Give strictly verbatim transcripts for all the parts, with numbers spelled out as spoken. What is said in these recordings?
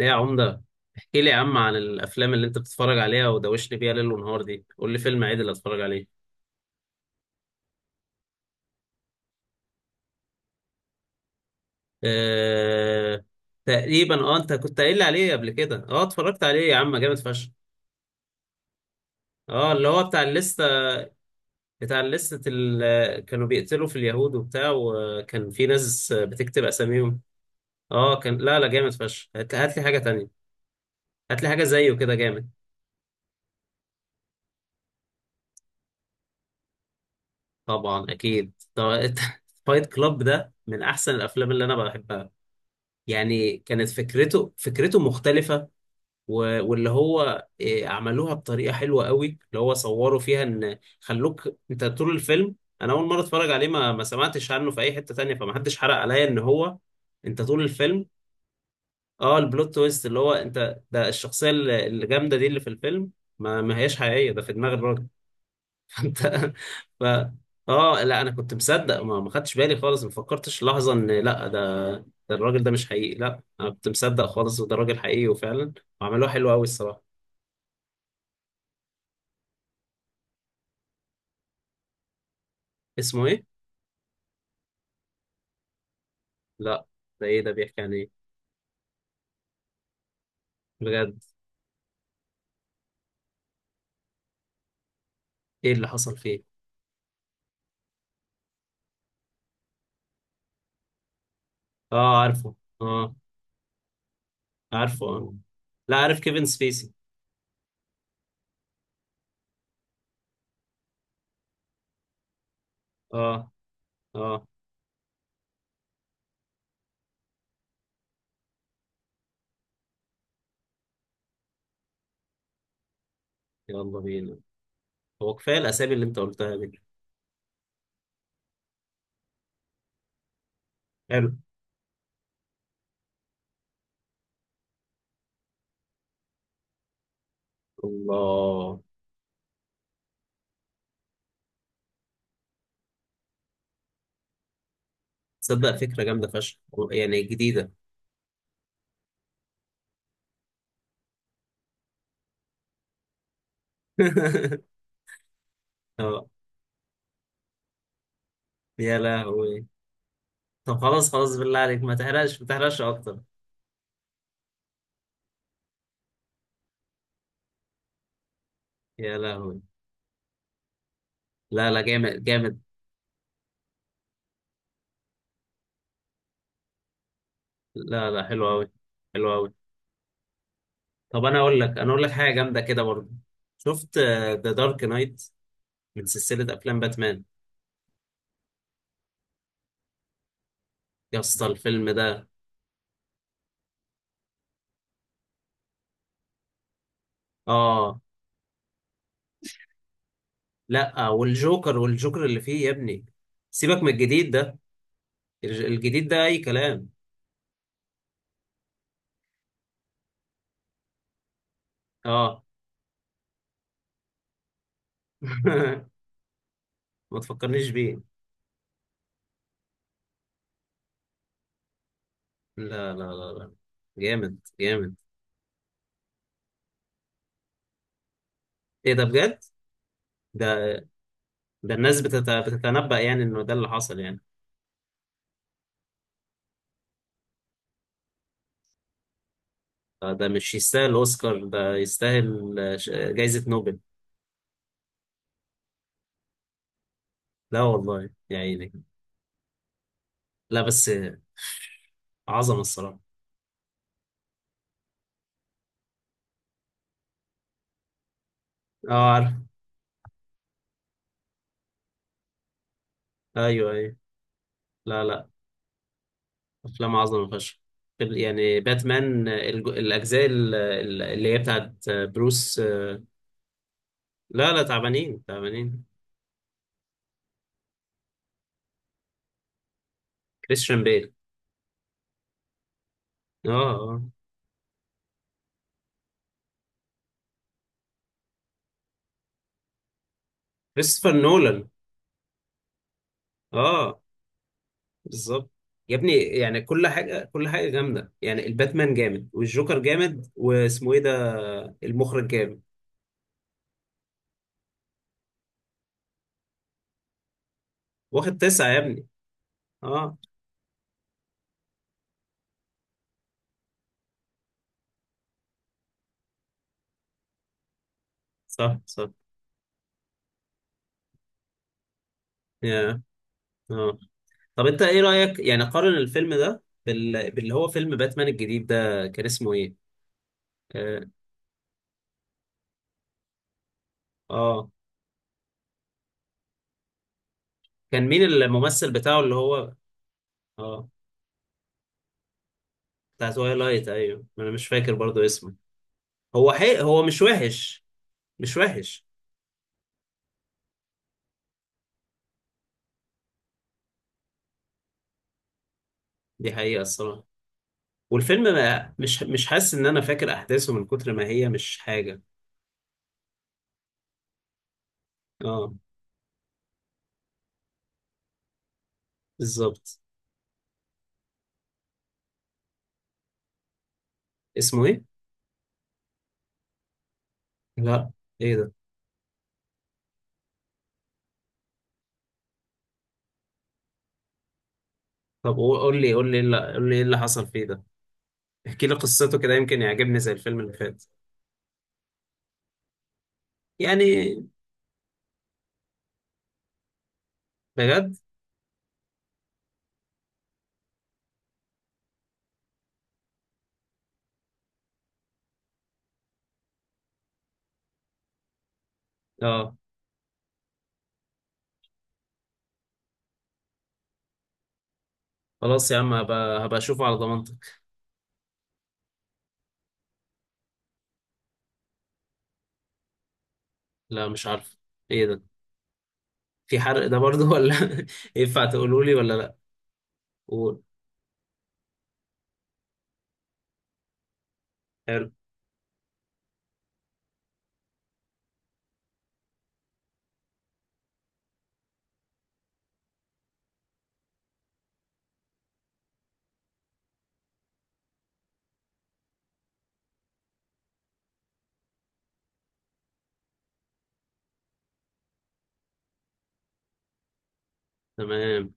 ايه يا عمدة؟ احكي لي يا عم عن الافلام اللي انت بتتفرج عليها ودوشني بيها ليل ونهار دي، قول لي فيلم عادل اتفرج عليه. أه... تقريبا، اه انت كنت قايل لي عليه قبل كده. اه اتفرجت عليه يا عم، جامد فشخ. اه اللي هو بتاع الليستة. بتاع الليستة ال... كانوا بيقتلوا في اليهود وبتاع، وكان في ناس بتكتب اساميهم. اه كان، لا لا جامد فشخ، هات هات لي حاجة تانية. هات لي حاجة زيه كده جامد. طبعا اكيد طب فايت كلاب ده من احسن الافلام اللي انا بحبها. يعني كانت فكرته فكرته مختلفة. و- واللي هو إيه، عملوها بطريقة حلوة قوي، اللي هو صوروا فيها ان خلوك انت طول الفيلم. انا اول مرة اتفرج عليه ما ما سمعتش عنه في اي حتة تانية، فما حدش حرق عليا ان هو انت طول الفيلم. اه البلوت تويست اللي هو انت ده، الشخصية ال- الجامدة دي اللي في الفيلم ما ما هياش حقيقية، ده في دماغ الراجل انت. ف اه لا، انا كنت مصدق، ما ما خدتش بالي خالص، ما فكرتش لحظه ان لا، ده ده الراجل ده مش حقيقي، لا انا كنت مصدق خالص، وده راجل حقيقي وفعلا. وعملوه حلو قوي الصراحه. اسمه ايه؟ لا. ده ايه ده بيحكي عن ايه؟ بجد؟ ايه اللي حصل فيه؟ اه عارفه. اه عارفه. اه، لا عارف كيفن سبيسي. اه. اه. يلا بينا، هو كفايه الاسامي اللي انت قلتها دي. حلو. الله. تصدق فكره جامده فشخ، يعني جديده. اه. يا لهوي. طب خلاص خلاص، بالله عليك ما تحرقش، ما تحرقش اكتر. يا لهوي. لا لا جامد جامد. لا لا حلو قوي. حلو قوي. طب انا اقول لك، انا اقول لك حاجه جامده كده برضه. شفت ذا دارك نايت؟ من سلسله افلام باتمان. يا اسطى الفيلم ده. اه. لا، والجوكر، والجوكر اللي فيه يا ابني. سيبك من الجديد ده، الج- الجديد ده اي كلام. اه. ما تفكرنيش بيه. لا لا لا لا، جامد جامد. ايه ده بجد؟ ده ده الناس بتت... بتتنبأ يعني انه ده اللي حصل يعني. ده مش يستاهل اوسكار، ده يستاهل ش- جايزة نوبل. لا والله يا عيني. لا بس. عظمة الصراحة. اه عارف. ايوه ايوه. لا لا افلام عظمة فشخ. فيل- يعني باتمان الج- الاجزاء ال- ال- اللي هي بتاعت بروس. لا لا تعبانين تعبانين. كريستيان بيل. اه. اه كريستوفر نولان. اه بالظبط. يا ابني يعني كل حاجة، كل حاجة جامدة، يعني الباتمان جامد والجوكر جامد واسمه ايه ده، المخرج جامد. واخد تسعة يا ابني. اه. صح صح. يا اه طب انت ايه رأيك، يعني قارن الفيلم ده بال... باللي هو فيلم باتمان الجديد ده، كان اسمه ايه؟ اه، آه. كان مين الممثل بتاعه اللي هو؟ اه بتاع تويلايت، ايوه ما انا مش فاكر برضو اسمه. هو حي... هو مش وحش، مش وحش. دي حقيقة الصراحة. والفيلم ما، مش مش حاسس ان انا فاكر احداثه من كتر ما هي مش حاجه. اه بالظبط. اسمه ايه؟ لا. ايه ده؟ طب قو- قول لي قول لي، إيه اللي- قول لي ايه اللي حصل فيه ده. احكي لي قصته كده يمكن يعجبني زي الفيلم اللي فات يعني. بجد. اه. خلاص يا عم، هبقى هبقى اشوفه على ضمانتك. لا مش عارف. ايه ده؟ في حرق ده برضه ولا ينفع تقولوا لي ولا لا؟ قول. حلو. تمام.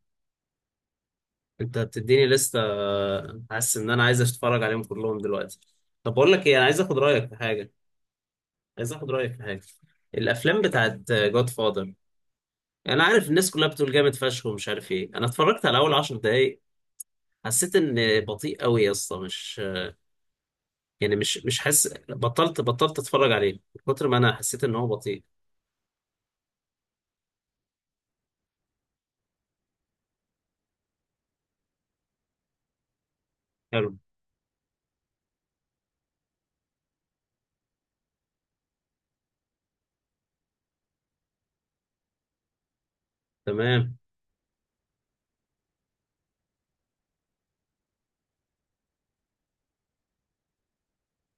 انت بتديني لستة، حاسس ان انا عايز اتفرج عليهم كلهم دلوقتي. طب بقول لك ايه، انا عايز اخد رايك في حاجه. عايز اخد رايك في حاجه. الافلام بتاعت جود فاذر. انا عارف الناس كلها بتقول جامد فشخ ومش عارف ايه، انا اتفرجت على اول عشر دقايق، حسيت ان بطيء قوي يا اسطى، مش يعني مش مش حاسس، بطلت بطلت اتفرج عليه من كتر ما انا حسيت ان هو بطيء. حلو. تمام.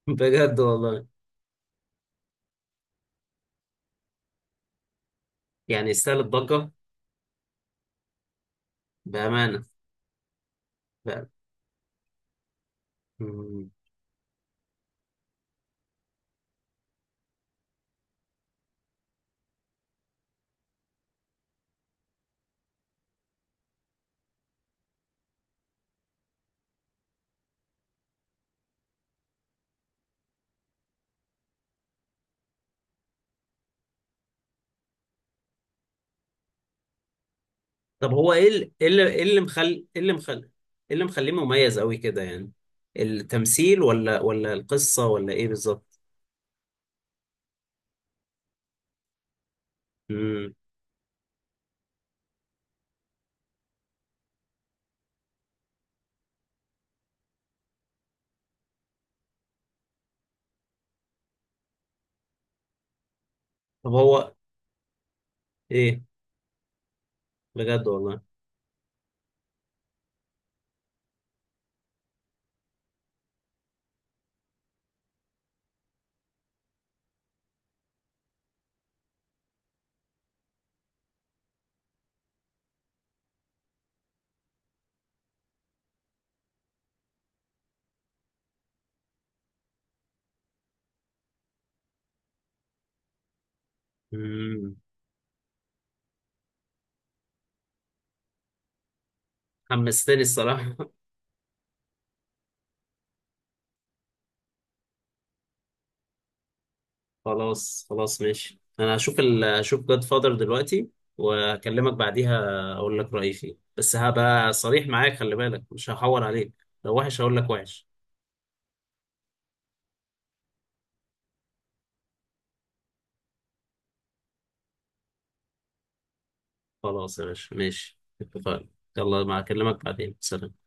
بجد والله. يعني يستاهل الضجه بامانه بقى. مم. طب هو ايه ال- إيه اللي إيه اللي مخلي إيه اللي مخلي إيه اللي مخليه مميز قوي كده يعني، التمثيل ولا ولا القصه ولا ايه بالظبط. مم. طب هو ايه. بجد والله. مم. حمستني الصراحة خلاص خلاص ماشي، أنا هشوف ال هشوف جاد فادر دلوقتي وأكلمك بعديها، أقول لك رأيي فيه. بس هبقى صريح معاك، خلي بالك مش هحور عليك. لو وحش هقول لك وحش. خلاص يا باشا ماشي اتفقنا. يلا، ما أكلمك بعدين، سلام.